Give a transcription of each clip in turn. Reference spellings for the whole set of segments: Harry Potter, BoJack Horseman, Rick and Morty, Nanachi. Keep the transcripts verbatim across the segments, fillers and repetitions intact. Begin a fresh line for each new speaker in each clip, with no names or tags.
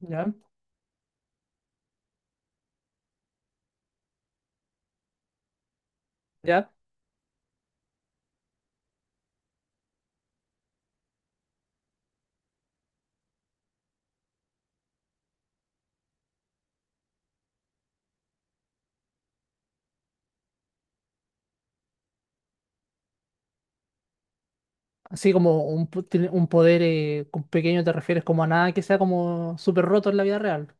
¿Ya? ¿Ya? Así como un, po- tiene un poder, eh, con pequeño te refieres como a nada que sea como súper roto en la vida real.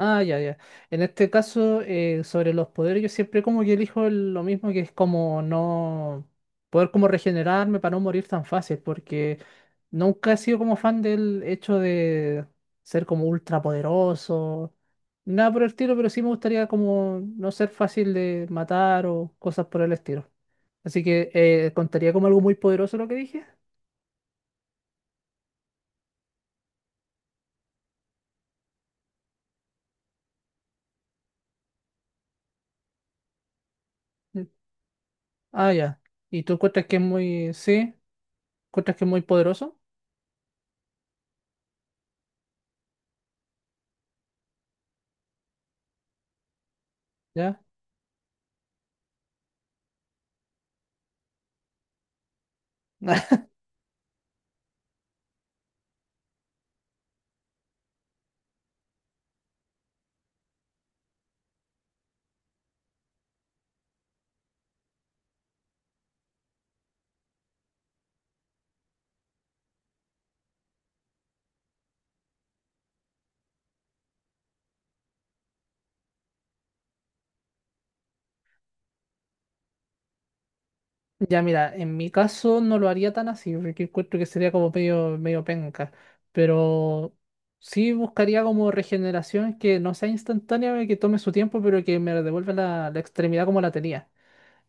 Ah, ya, ya. En este caso, eh, sobre los poderes, yo siempre como que elijo el- lo mismo, que es como no poder como regenerarme para no morir tan fácil, porque nunca he sido como fan del hecho de ser como ultra poderoso, nada por el estilo, pero sí me gustaría como no ser fácil de matar o cosas por el estilo. Así que eh, contaría como algo muy poderoso lo que dije. Mm. Ah, ya. ¿Y tú encuentras que es muy, sí? ¿Encuentras que es muy poderoso? ¿Ya? Ya mira, en mi caso no lo haría tan así, porque encuentro que sería como medio, medio penca, pero sí buscaría como regeneración que no sea instantánea, que tome su tiempo, pero que me devuelva la, la extremidad como la tenía.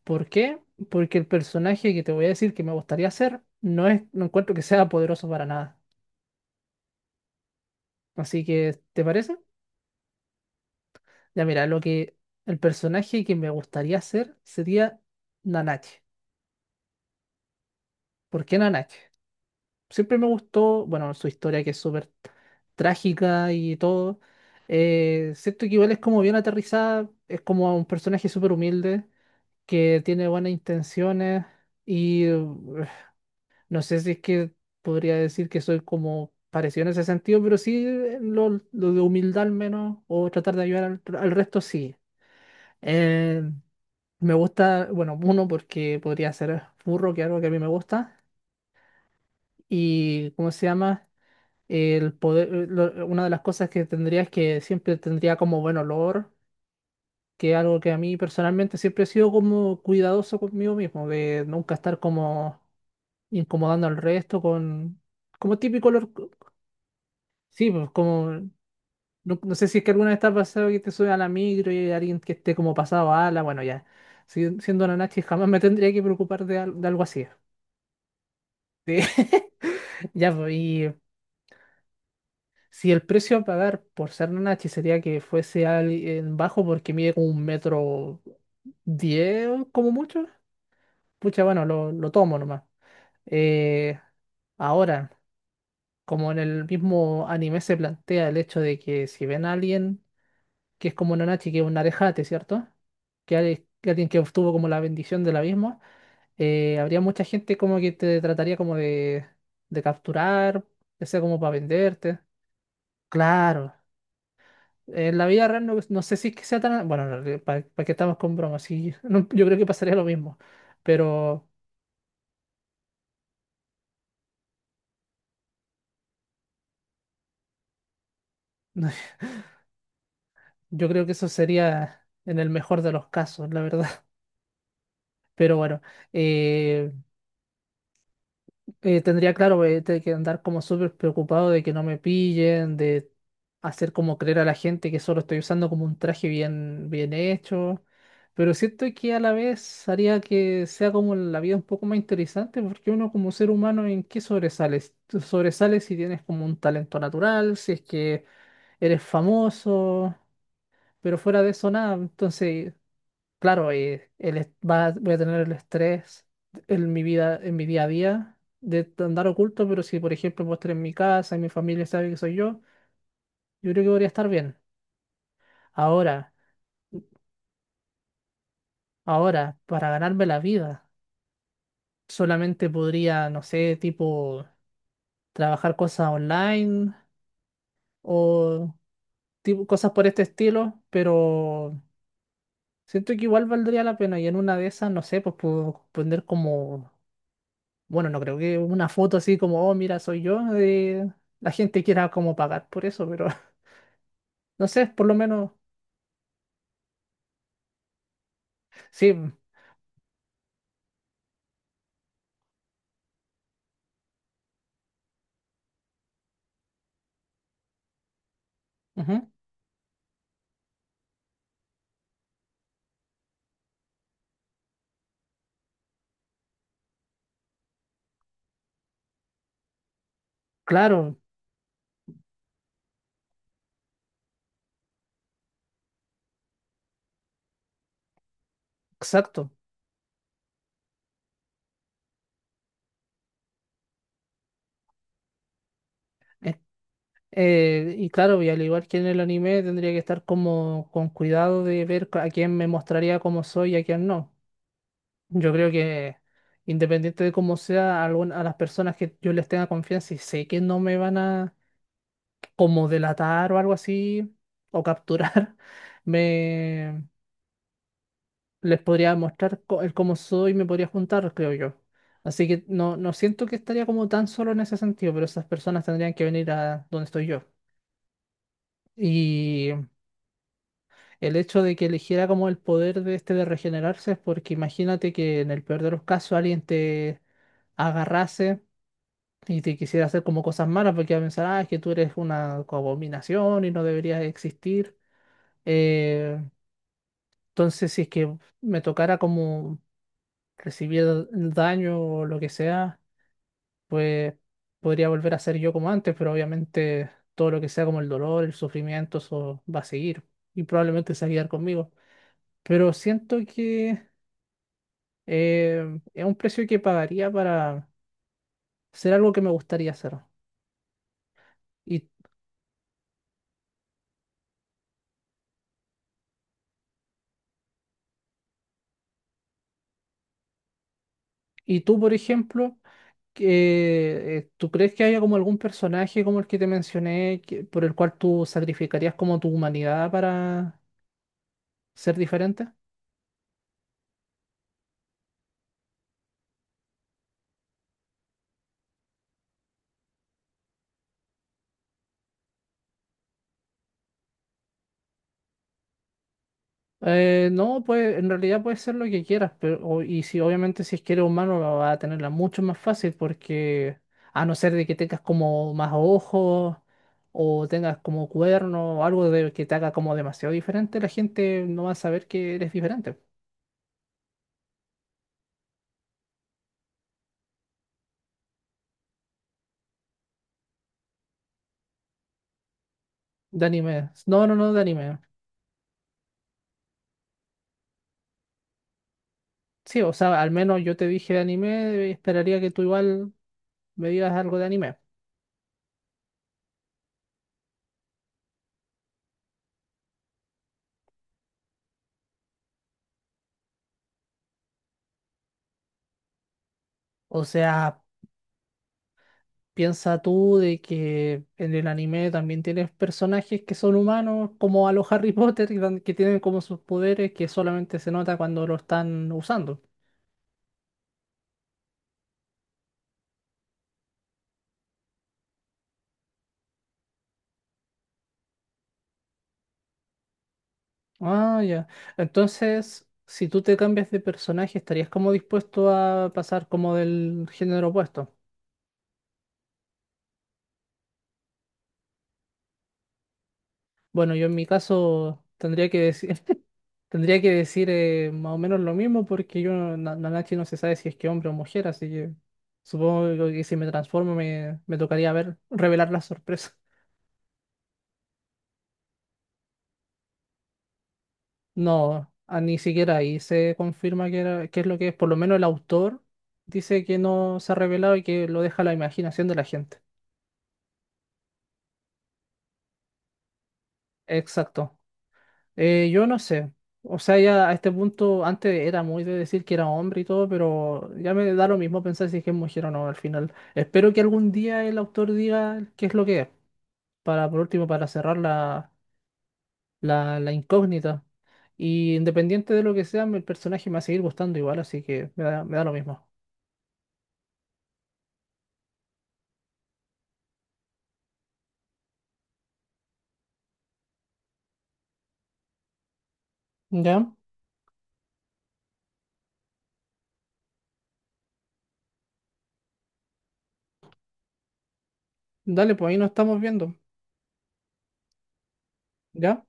¿Por qué? Porque el personaje que te voy a decir que me gustaría hacer no es, no encuentro que sea poderoso para nada. Así que, ¿te parece? Ya mira, lo que el personaje que me gustaría hacer sería Nanache. ¿Por qué Nanache? Siempre me gustó, bueno, su historia, que es súper trágica y todo. Eh, siento que igual es como bien aterrizada, es como un personaje súper humilde, que tiene buenas intenciones y eh, no sé si es que podría decir que soy como parecido en ese sentido, pero sí, eh, lo, lo de humildad al menos, o tratar de ayudar al, al resto, sí. Eh, Me gusta, bueno, uno porque podría ser burro, que es algo que a mí me gusta, y ¿cómo se llama? El poder, eh, lo- una de las cosas que tendría es que siempre tendría como buen olor, que es algo que a mí personalmente siempre he sido como cuidadoso conmigo mismo, de nunca estar como incomodando al resto con, como típico olor, co- sí, pues como, no, no sé si es que alguna vez te ha pasado que te sube a la micro y hay alguien que esté como pasado a ala, bueno, ya, si- siendo una nachi jamás me tendría que preocupar de, al- de algo así. Sí. Ya, pues, y si el precio a pagar por ser Nanachi sería que fuese alguien bajo porque mide como un metro diez, como mucho, pucha, bueno, lo, lo tomo nomás. Eh, Ahora, como en el mismo anime se plantea el hecho de que si ven a alguien que es como Nanachi, que es un arejate, ¿cierto? Que, ale- que alguien que obtuvo como la bendición del abismo, eh, habría mucha gente como que te trataría como de, de capturar, ya sea como para venderte. Claro. En la vida real no, no sé si es que sea tan... Bueno, para, que estamos con bromas, sí, no, yo creo que pasaría lo mismo, pero yo creo que eso sería en el mejor de los casos, la verdad. Pero bueno, eh, Eh, tendría claro, eh, te- que andar como súper preocupado de que no me pillen, de hacer como creer a la gente que solo estoy usando como un traje bien, bien hecho. Pero siento que a la vez haría que sea como la vida un poco más interesante, porque uno como ser humano, ¿en qué sobresales? Tú sobresales si tienes como un talento natural, si es que eres famoso, pero fuera de eso nada. Entonces, claro, eh, el est- va- voy a tener el estrés en mi vida, en mi día a día de andar oculto, pero si por ejemplo puedo estar en mi casa y mi familia sabe que soy yo, yo creo que podría estar bien. Ahora, Ahora, para ganarme la vida, solamente podría, no sé, tipo trabajar cosas online o tipo cosas por este estilo, pero siento que igual valdría la pena y en una de esas, no sé, pues puedo poner como bueno, no creo que una foto así como, oh, mira, soy yo, eh, la gente quiera como pagar por eso, pero no sé, por lo menos, sí, ujú, claro, exacto. Eh, eh, y claro, y al igual que en el anime, tendría que estar como con cuidado de ver a quién me mostraría cómo soy y a quién no. Yo creo que independiente de cómo sea, algún- a las personas que yo les tenga confianza y sé que no me van a como delatar o algo así, o capturar, me... les podría mostrar co- el cómo soy, me podría juntar, creo yo. Así que no, no siento que estaría como tan solo en ese sentido, pero esas personas tendrían que venir a donde estoy yo. Y el hecho de que eligiera como el poder de este de regenerarse es porque imagínate que en el peor de los casos alguien te agarrase y te quisiera hacer como cosas malas porque iba a pensar, ah, es que tú eres una abominación y no deberías existir. Eh, entonces, si es que me tocara como recibir daño o lo que sea, pues podría volver a ser yo como antes, pero obviamente todo lo que sea como el dolor, el sufrimiento, eso va a seguir y probablemente se va a quedar conmigo. Pero siento que eh, es un precio que pagaría para hacer algo que me gustaría hacer. Y, y tú, por ejemplo, que, eh, ¿tú crees que haya como algún personaje como el que te mencioné que- por el cual tú sacrificarías como tu humanidad para ser diferente? Eh, no, pues en realidad puede ser lo que quieras, pero o- y si obviamente si es que eres humano va va a tenerla mucho más fácil porque a no ser de que tengas como más ojos o tengas como cuerno o algo de que te haga como demasiado diferente, la gente no va a saber que eres diferente. De anime. No, no, no, de anime. Sí, o sea, al menos yo te dije de anime, esperaría que tú igual me digas algo de anime. O sea, piensa tú de que en el anime también tienes personajes que son humanos, como a los Harry Potter, que tan- que tienen como sus poderes que solamente se nota cuando lo están usando. Ah, ya. Entonces, si tú te cambias de personaje, ¿estarías como dispuesto a pasar como del género opuesto? Bueno, yo en mi caso tendría que decir, tendría que decir, eh, más o menos lo mismo porque yo, no, Na- Nanachi no se sabe si es que hombre o mujer, así que supongo que si me transformo me, me tocaría ver, revelar la sorpresa. No, ah, ni siquiera ahí se confirma que era, qué es lo que es. Por lo menos el autor dice que no se ha revelado y que lo deja a la imaginación de la gente. Exacto. Eh, yo no sé. O sea, ya a este punto, antes era muy de decir que era hombre y todo, pero ya me da lo mismo pensar si es que es mujer o no al final. Espero que algún día el autor diga qué es lo que es, para por último, para cerrar la, la, la incógnita. Y independiente de lo que sea, el personaje me va a seguir gustando igual, así que me da, me da lo mismo. ¿Ya? Dale, pues ahí nos estamos viendo. ¿Ya?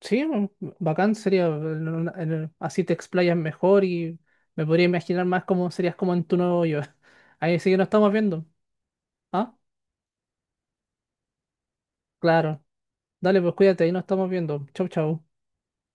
Sí, un- bacán sería, en una- en el- así te explayas mejor y me podría imaginar más cómo serías como en tu nuevo yo. Ahí sí que nos estamos viendo. Ah, claro. Dale, pues cuídate, ahí nos estamos viendo. Chau, chau.